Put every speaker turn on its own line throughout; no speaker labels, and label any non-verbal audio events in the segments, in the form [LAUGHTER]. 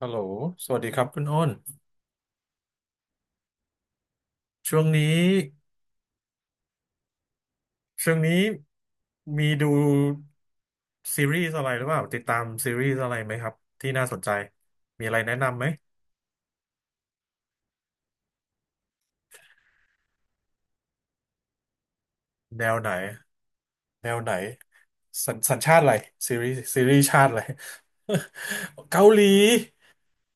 ฮัลโหลสวัสดีครับคุณอ้นช่วงนี้ช่วงนี้มีดูซีรีส์อะไรหรือเปล่าติดตามซีรีส์อะไรไหมครับที่น่าสนใจมีอะไรแนะนำไหมแนวไหนแนวไหนสัญชาติอะไรซีรีส์ชาติอะไร [LAUGHS] เกาหลี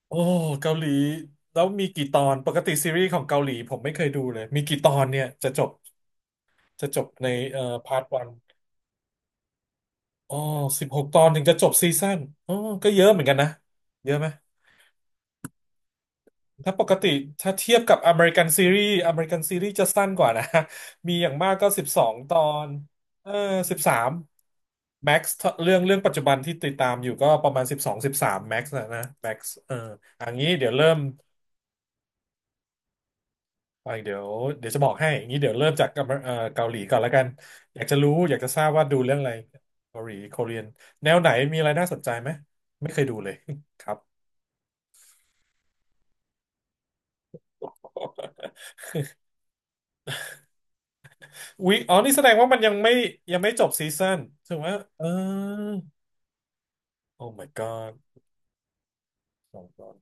โอ้เกาหลีแล้วมีกี่ตอนปกติซีรีส์ของเกาหลีผมไม่เคยดูเลยมีกี่ตอนเนี่ยจะจบในพาร์ทวันอ๋อสิบหกตอนถึงจะจบซีซั่นอ๋อก็เยอะเหมือนกันนะเยอะไหม ถ้าปกติถ้าเทียบกับอเมริกันซีรีส์อเมริกันซีรีส์จะสั้นกว่านะ [LAUGHS] มีอย่างมากก็12ตอนเออสิบสามแม็กซ์เรื่องปัจจุบันที่ติดตามอยู่ก็ประมาณสิบสองสิบสามแม็กซ์นะแม็กซ์เอออันนี้ไปเดี๋ยวเดี๋ยวจะบอกให้อย่างนี้เดี๋ยวเริ่มจากเกาหลีก่อนแล้วกันอยากจะรู้อยากจะทราบว่าดูเรื่องอะไรเกาหลีโคเรียนแนวไหนมีอะไรน่าสนใจไหมไม่เคยดูเลย [LAUGHS] ครับ [LAUGHS] อ๋อนี่แสดงว่ามันยังไม่จบซีซั่นถึงว่าเออ โอ้ my god สองตอน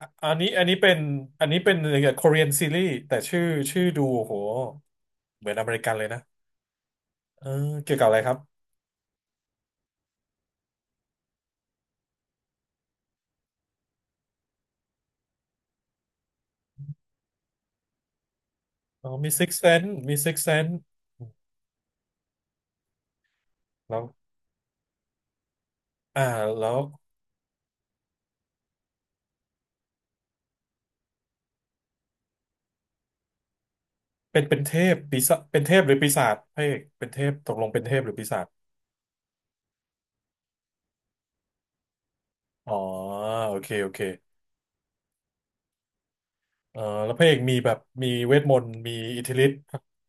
อะอันนี้เป็นเกี่ยวกับ Korean ซีรีส์แต่ชื่อดูโหเหมือนอเมริกันเลยนะเออเกี่ยวกับอะไรครับอ๋อมี Six Sense มี Six Sense อืมแล้วอ่าแล้วเป็นเทพปีศาจเป็นเทพหรือปีศาจพระเอกเป็นเทพตกลงเป็นเทพหรือปีศาจอ๋อโอเคโอเคเออแล้วพระเอกมีแบบมีเวทมนต์มีอิทธิฤทธิ์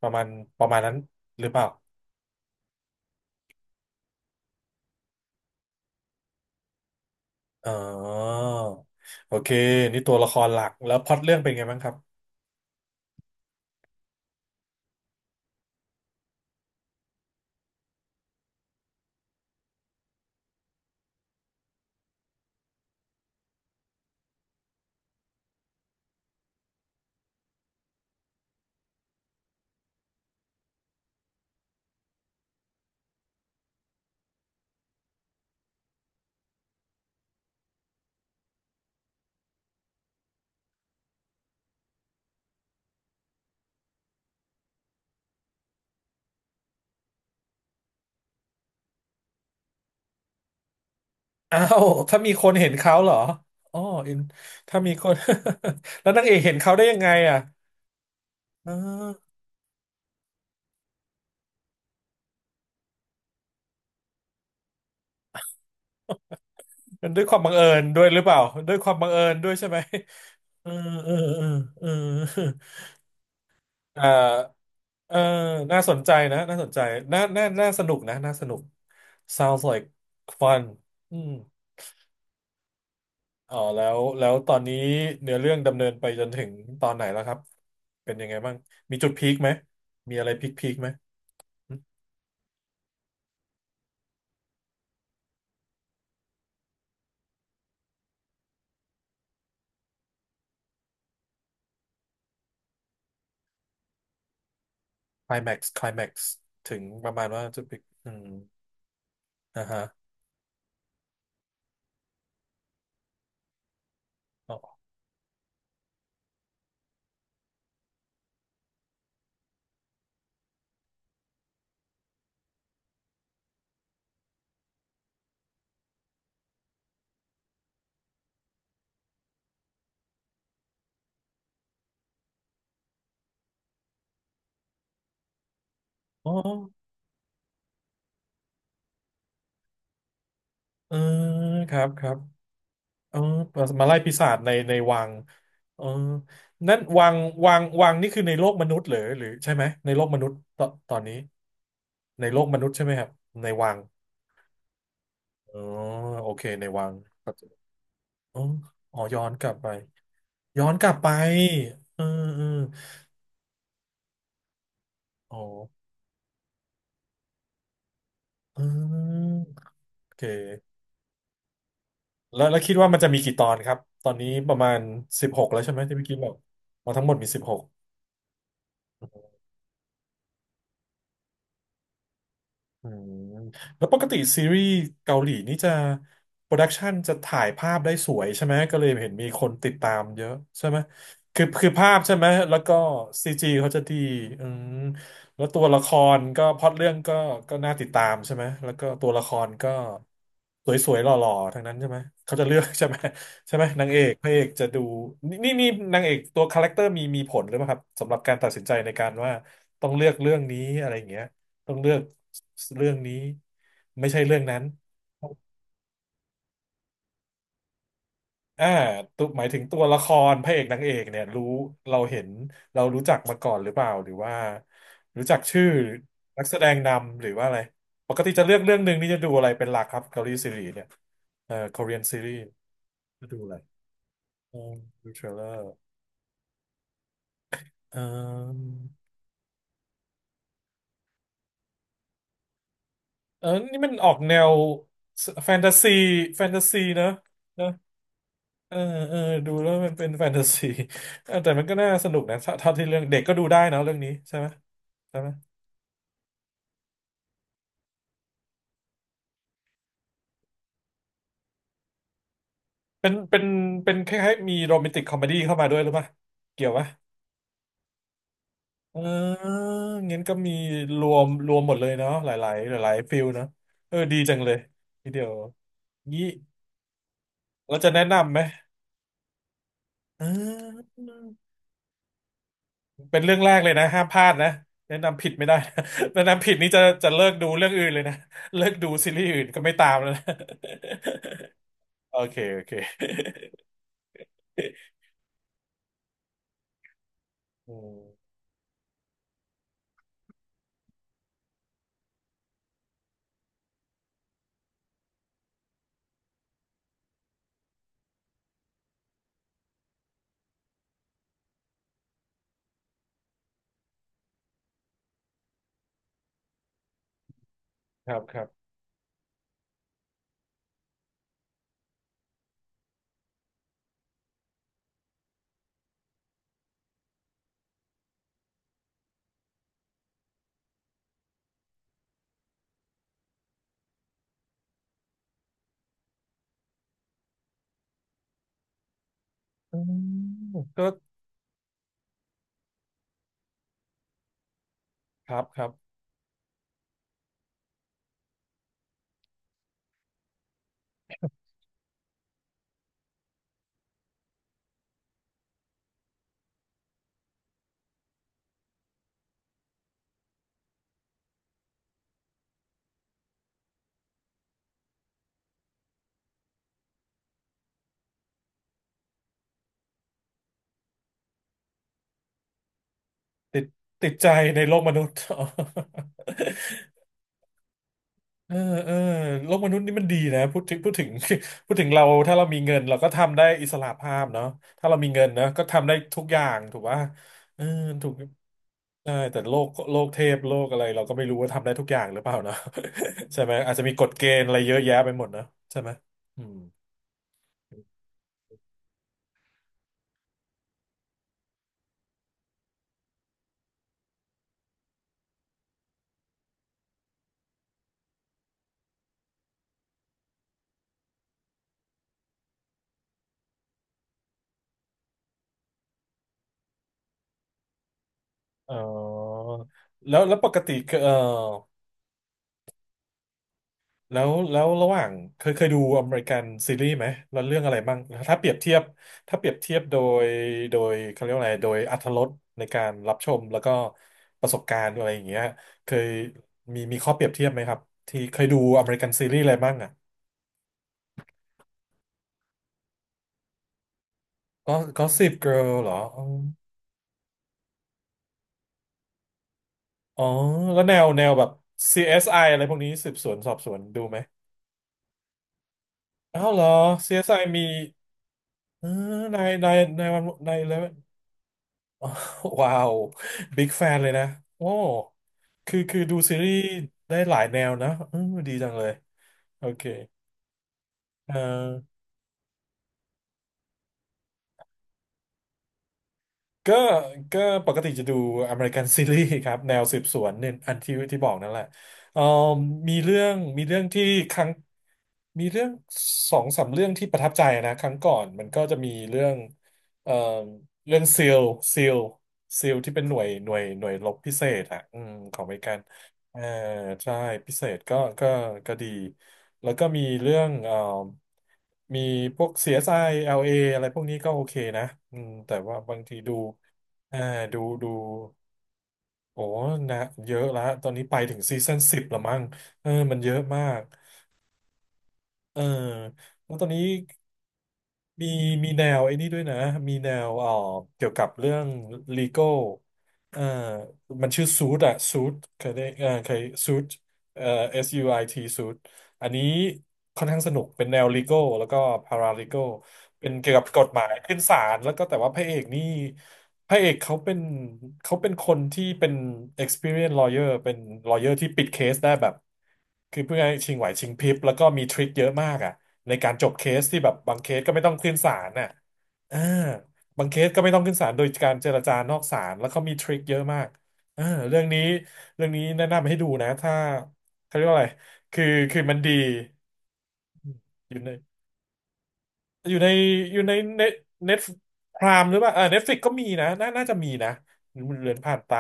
ประมาณประมาณนั้นหรือเปล่าอ๋อโอเคนี่ตัวละครหลักแล้วพล็อตเรื่องเป็นไงบ้างครับ อ้าวถ้ามีคนเห็นเขาเหรออ๋ออินถ้ามีคน [LAUGHS] แล้วนางเอกเห็นเขาได้ยังไงอ่ะเออเนด้วยความบังเอิญด้วยหรือเปล่าด้วยความบังเอิญด้วยใช่ไหม [LAUGHS] เออเออเออเออ [LAUGHS] เออเออน่าสนใจนะน่าสนใจน่าสนุกนะน่าสนุก sounds like fun อืมอ๋อแล้วตอนนี้เนื้อเรื่องดำเนินไปจนถึงตอนไหนแล้วครับเป็นยังไงบ้างมีจุดพีคไหมมีอะไรพีคไหม คลแม็กซ์ถึงประมาณว่าจะไปอืมอ่าฮะอ๋ออ๋อเออครับครับเออมาไล่ปีศาจในวังเออนั่นวังนี่คือในโลกมนุษย์เหรือหรือใช่ไหมในโลกมนุษย์ตอนนี้ในโลกมนุษย์ใช่ไหมครับในวังอ๋อโอเคในวังอ๋ออ๋อย้อนกลับไปเออเอออ๋อเออโอเค แล้วคิดว่ามันจะมีกี่ตอนครับตอนนี้ประมาณสิบหกแล้วใช่ไหมที่พี่อกี้บอกมาทั้งหมดมีสิบหก อืมแล้วปกติซีรีส์เกาหลีนี่จะโปรดักชันจะถ่ายภาพได้สวยใช่ไหมก็เลยเห็นมีคนติดตามเยอะใช่ไหมคือภาพใช่ไหมแล้วก็ซีจีเขาจะดีอืมแล้วตัวละครก็พล็อตเรื่องก็น่าติดตามใช่ไหมแล้วก็ตัวละครก็สวยๆหล่อๆทั้งนั้นใช่ไหมเขาจะเลือกใช่ไหมนางเอกพระเอกจะดูนี่นางเอกตัวคาแรคเตอร์มีผลหรือเปล่าครับสำหรับการตัดสินใจในการว่าต้องเลือกเรื่องนี้อะไรอย่างเงี้ย ต้องเลือกเรื่องนี้ไม่ใช่เรื่องนั้นอ่าตัวหมายถึงตัวละครพระเอกนางเอกเนี่ยรู้เราเห็นเรารู้จักมาก่อนหรือเปล่าหรือว่ารู้จักชื่อนักแสดงนำหรือว่าอะไรปกติจะเลือกเรื่องหนึ่งนี่จะดูอะไรเป็นหลักครับเกาหลีซีรีส์เนี่ยคอเรียนซีรีส์จะดูอะไรอืมดูเทรลเลอร์เออเออนี่มันออกแนวแฟนตาซีแฟนตาซีเนอะ เออเออดูแล้วมันเป็นแฟนตาซีเอ [LAUGHS] อแต่มันก็น่าสนุกนะถ้าเท่าที่เรื่องเด็กก็ดูได้เนอะเรื่องนี้ใช่ไหมใช่ไหมเป็นเป็นเป็นคล้ายๆมีโรแมนติกคอมเมดี้เข้ามาด้วยหรือเปล่าเกี่ยวปะเอองั้นก็มีรวมหมดเลยเนาะหลายๆหลายๆฟิลเนาะเออดีจังเลยทีเดียวงี้เราจะแนะนำไหมเออเป็นเรื่องแรกเลยนะห้ามพลาดนะแนะนำผิดไม่ได้ [LAUGHS] นะแนะนำผิดนี่จะเลิกดูเรื่องอื่นเลยนะเลิกดูซีรีส์อื่นก็ไม่ตามแล้วนะ โอเคโอเค [LAUGHS] อืมครับครับอืมก็ครับครับติดติดใจในโลกมนุษย์ [LAUGHS] เออเออโลกมนุษย์นี่มันดีนะพูดถึง [LAUGHS] พูดถึงเราถ้าเรามีเงินเราก็ทำได้อิสระภาพเนาะถ้าเรามีเงินนะก็ทำได้ทุกอย่างถูกป่ะเออถูกใช่แต่โลกเทพโลกอะไรเราก็ไม่รู้ว่าทำได้ทุกอย่างหรือเปล่าเนาะ [LAUGHS] ใช่ไหมอาจจะมีกฎเกณฑ์อะไรเยอะแยะไปหมดนะใช่ไหมอืมเออแล้วปกติเออ แล้วระหว่างเคยดูอเมริกันซีรีส์ไหมแล้วเรื่องอะไรบ้างถ้าเปรียบเทียบถ้าเปรียบเทียบยโดยเขาเรียกว่าอะไรโดยอรรถรสในการรับชมแล้วก็ประสบการณ์อะไรอย่างเงี้ยเคยมีข้อเปรียบเทียบไหมครับที่เคยดูอเมริกันซีรีส์อะไรบ้างอ่ะก็สิบเกิร์ลเหรออ๋ออ๋อแล้วแนวแบบซี i อสไออะไรพวกนี้สืบสวนสอบสวนดูไหมอ้าวเหรอซีเอส s อมีเออนายวันนายเล [LAUGHS] ว้าวบิ๊กแฟนเลยนะโอ้คือดูซีรีส์ได้หลายแนวนะอืมดีจังเลยโอเคเอ่อก็ก็ปกติจะดูอเมริกันซีรีส์ครับแนวสืบสวนเนี่ยอันที่บอกนั่นแหละเอ่อมีเรื่องมีเรื่องที่ครั้งมีเรื่องสองสามเรื่องที่ประทับใจนะครั้งก่อนมันก็จะมีเรื่องเอ่อเรื่องซีลซีลที่เป็นหน่วยรบพิเศษอ่ะอืมของอเมริกัน เออใช่พิเศษก็ดีแล้วก็มีเรื่องมีพวก CSI LA อสไอแอลเออะไรพวกนี้ก็โอเคนะอืมแต่ว่าบางทีดูเอาดูโอ้นะเยอะละตอนนี้ไปถึงซีซั่น 10ละมั้งเออมันเยอะมาก เออแล้วตอนนี้มีมีแนวไอ้นี่ด้วยนะ มีแนวเกี่ยวกับเรื่อง legal เอ่อมันชื่อซูทอะซูทเคยได้เคยซูทเอ่อ S U I T ซูทอันนี้ค่อนข้างสนุกเป็นแนว legal แล้วก็ paralegal เป็นเกี่ยวกับกฎหมายขึ้นศาลแล้วก็แต่ว่าพระเอกเขาเป็นคนที่เป็น experience lawyer เป็น lawyer ที่ปิดเคสได้แบบคือเพื่อให้ชิงไหวชิงพริบแล้วก็มีทริคเยอะมากอ่ะในการจบเคสที่แบบบางเคสก็ไม่ต้องขึ้นศาลน่ะอ่าบางเคสก็ไม่ต้องขึ้นศาลโดยการเจรจานอกศาลแล้วเขามีทริคเยอะมากอ่าเรื่องนี้แนะนำให้ดูนะถ้าเขาเรียกว่าอะไรคือคือมันดีอยู่ใน อยู่ในอยู่ในเน็ตเน็ตพรามหรือเปล่าเออเน็ตฟลิกก็มีนะน่าจะมีนะเหลือนผ่านตา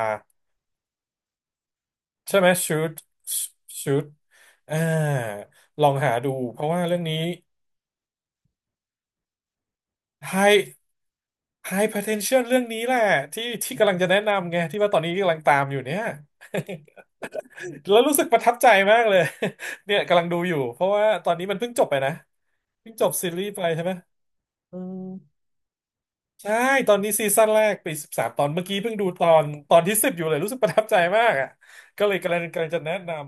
ใช่ไหมชูดอ่าลองหาดูเพราะว่าเรื่องนี้ high high potential เรื่องนี้แหละที่กำลังจะแนะนำไงที่ว่าตอนนี้กำลังตามอยู่เนี่ย [LAUGHS] แล้วรู้สึกประทับใจมากเลย [LAUGHS] เนี่ยกำลังดูอยู่เพราะว่าตอนนี้มันเพิ่งจบไปนะเพิ่งจบซีรีส์ไปใช่ไหมอืม ใช่ตอนนี้ซีซั่นแรกปี13 ตอนเมื่อกี้เพิ่งดูตอนที่ 10อยู่เลยรู้สึกประทับใจมากอ่ะก็เลยกำลังจะแนะนำ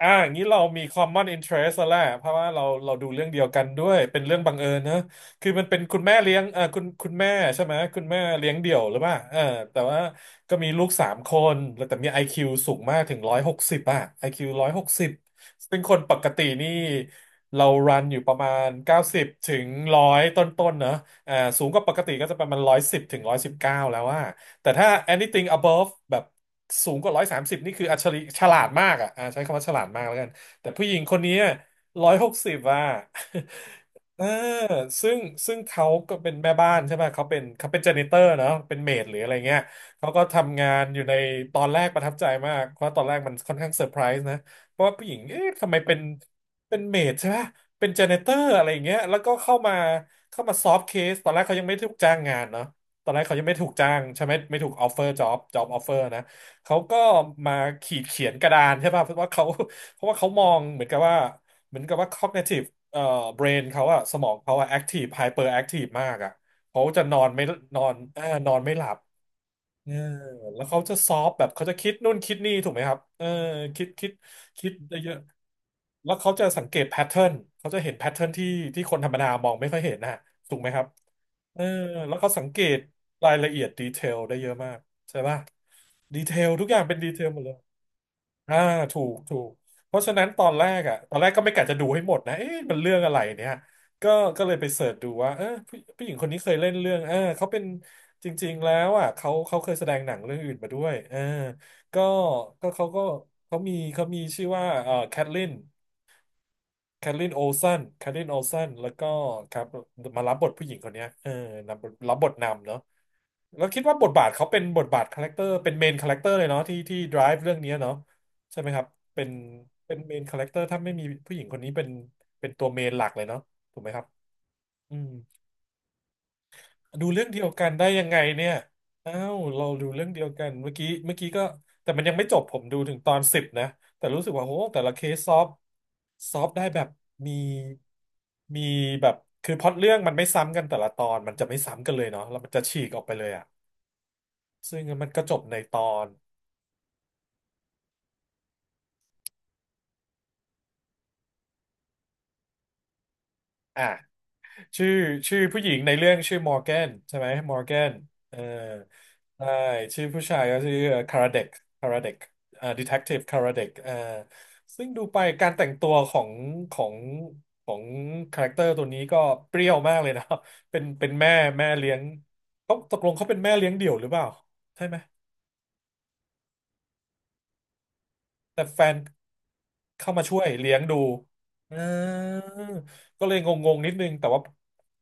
อ่าอย่างนี้เรามี common interest แล้วแหละเพราะว่าเราดูเรื่องเดียวกันด้วยเป็นเรื่องบังเอิญนะคือมันเป็นคุณแม่เลี้ยงเออคุณแม่ใช่ไหมคุณแม่เลี้ยงเดี่ยวหรือเปล่าเออแต่ว่าก็มีลูก3 คนแล้วแต่มี IQ สูงมากถึง160อ่ะ IQ ร้อยหกสิบซึ่งคนปกตินี่เรารันอยู่ประมาณ90ถึงหนึ่งร้อยต้นๆเนอะอ่าสูงกว่าปกติก็จะประมาณหนึ่งร้อยสิบถึง119แล้วว่า แต่ถ้า anything above แบบสูงกว่า130นี่คืออัจฉริฉลาดมากอ่ะอ่าใช้คำว่าฉลาดมากแล้วกันแต่ผู้หญิงคนนี้ร้อยหกสิบอ่ะ [LAUGHS] เออซึ่งซึ่งเขาก็เป็นแม่บ้านใช่ไหมเขาเป็นเจเนเตอร์เนาะเป็นเมดหรืออะไรเงี้ยเขาก็ทำงานอยู่ในตอนแรกประทับใจมากเพราะตอนแรกมันค่อนข้างเซอร์ไพรส์นะเพราะว่าผู้หญิงเอ๊ะทำไมเป็นเมดใช่ไหมเป็นเจเนเตอร์อะไรเงี้ยแล้วก็เข้ามาซอฟต์เคสตอนแรกเขายังไม่ได้ถูกจ้างงานเนาะ ตอนแรกเขายังไม่ถูกจ้างใช่ไหมไม่ถูกออฟเฟอร์จ็อบออฟเฟอร์นะเขาก็มาขีดเขียนกระดานใช่ป่ะเพราะว่าเขามองเหมือนกับว่า cognitive brain เขาอะสมองเขาอะ active hyper active มากอะเขาจะนอนไม่นอนนอนไม่หลับ เออแล้วเขาจะซอฟแบบเขาจะคิดนู่นคิดนี่ถูกไหมครับเออคิดคิดได้เยอะๆแล้วเขาจะสังเกตแพทเทิร์นเขาจะเห็นแพทเทิร์นที่คนธรรมดามองไม่ค่อยเห็นนะถูกไหมครับเออแล้วเขาสังเกตรายละเอียดดีเทลได้เยอะมากใช่ป่ะดีเทลทุกอย่างเป็นดีเทลหมดเลย อ่าถูกเพราะฉะนั้นตอนแรกก็ไม่กะจะดูให้หมดนะเอ๊ะมันเรื่องอะไรเนี่ยก็ก็เลยไปเสิร์ชดูว่าเออผู้หญิงคนนี้เคยเล่นเรื่องเออเขาเป็นจริงๆแล้วอ่ะเขาเคยแสดงหนังเรื่องอื่นมาด้วยเออก็ก็เขาก็เขามีชื่อว่าแคทลินแคทลินโอลสันแคทลินโอลสันแล้วก็ครับมารับบทผู้หญิงคนเนี้ยเออรับบทนำเนาะ แล้วคิดว่าบทบาทเขาเป็นบทบาทคาแรคเตอร์เป็นเมนคาแรคเตอร์เลยเนาะที่ drive เรื่องนี้เนาะใช่ไหมครับเป็นเป็นเมนคาแรคเตอร์ถ้าไม่มีผู้หญิงคนนี้เป็นเป็นตัวเมนหลักเลยเนาะถูกไหมครับอืมดูเรื่องเดียวกันได้ยังไงเนี่ยอ้าวเราดูเรื่องเดียวกันเมื่อกี้ก็แต่มันยังไม่จบผมดูถึงตอนสิบนะแต่รู้สึกว่าโหแต่ละเคสซอฟได้แบบมีมีแบบคือพล็อตเรื่องมันไม่ซ้ำกันแต่ละตอนมันจะไม่ซ้ำกันเลยเนาะแล้วมันจะฉีกออกไปเลยอะซึ่งมันก็จบในตอน อ่ะชื่อชื่อผู้หญิงในเรื่องชื่อมอร์แกนใช่ไหมมอร์แกนเออใช่ชื่อผู้ชายก็ชื่อคาราเดกคาราเดกอ่าดีเทคทีฟคาราเดกอ่าซึ่งดูไปการแต่งตัวของของคาแรคเตอร์ตัวนี้ก็เปรี้ยวมากเลยนะ [LAUGHS] เป็นแม่เลี้ยงเขาตกลงเขาเป็นแม่เลี้ยงเดี่ยวหรือเปล่าใช่ไหมแต่แฟน เข้ามาช่วยเลี้ยงดูเออก็เลยงๆนิดนึงแต่ว่า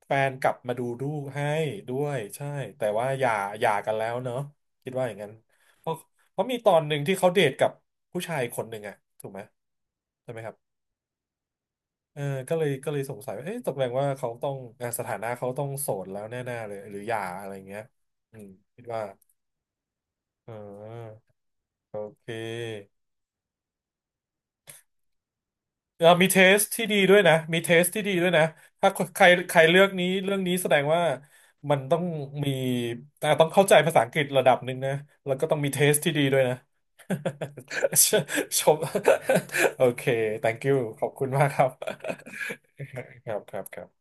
แฟนกลับมาดูกให้ด้วยใช่แต่ว่าหย่ากันแล้วเนอะคิดว่าอย่างนั้นเพราะเพราะมีตอนหนึ่งที่เขาเดทกับผู้ชายคนหนึ่งอะถูกไหมใช่ไหมครับเออก็เลยสงสัยว่าเอ๊ะตกลงว่าเขาต้องอ่ะสถานะเขาต้องโสดแล้วแน่ๆเลยหรือหย่าอะไรเงี้ยอืมคิดว่าเออโอเค เออมีเทสที่ดีด้วยนะ มีเทสที่ดีด้วยนะ ถ้าใครใครเลือกนี้เรื่องนี้แสดงว่ามันต้องมีแต่ต้องเข้าใจภาษาอังกฤษระดับหนึ่งนะ แล้วก็ต้องมีเทสที่ดีด้วยนะ [LAUGHS] ชม โอเค thank you ขอบคุณมากครับ ครับครับครับ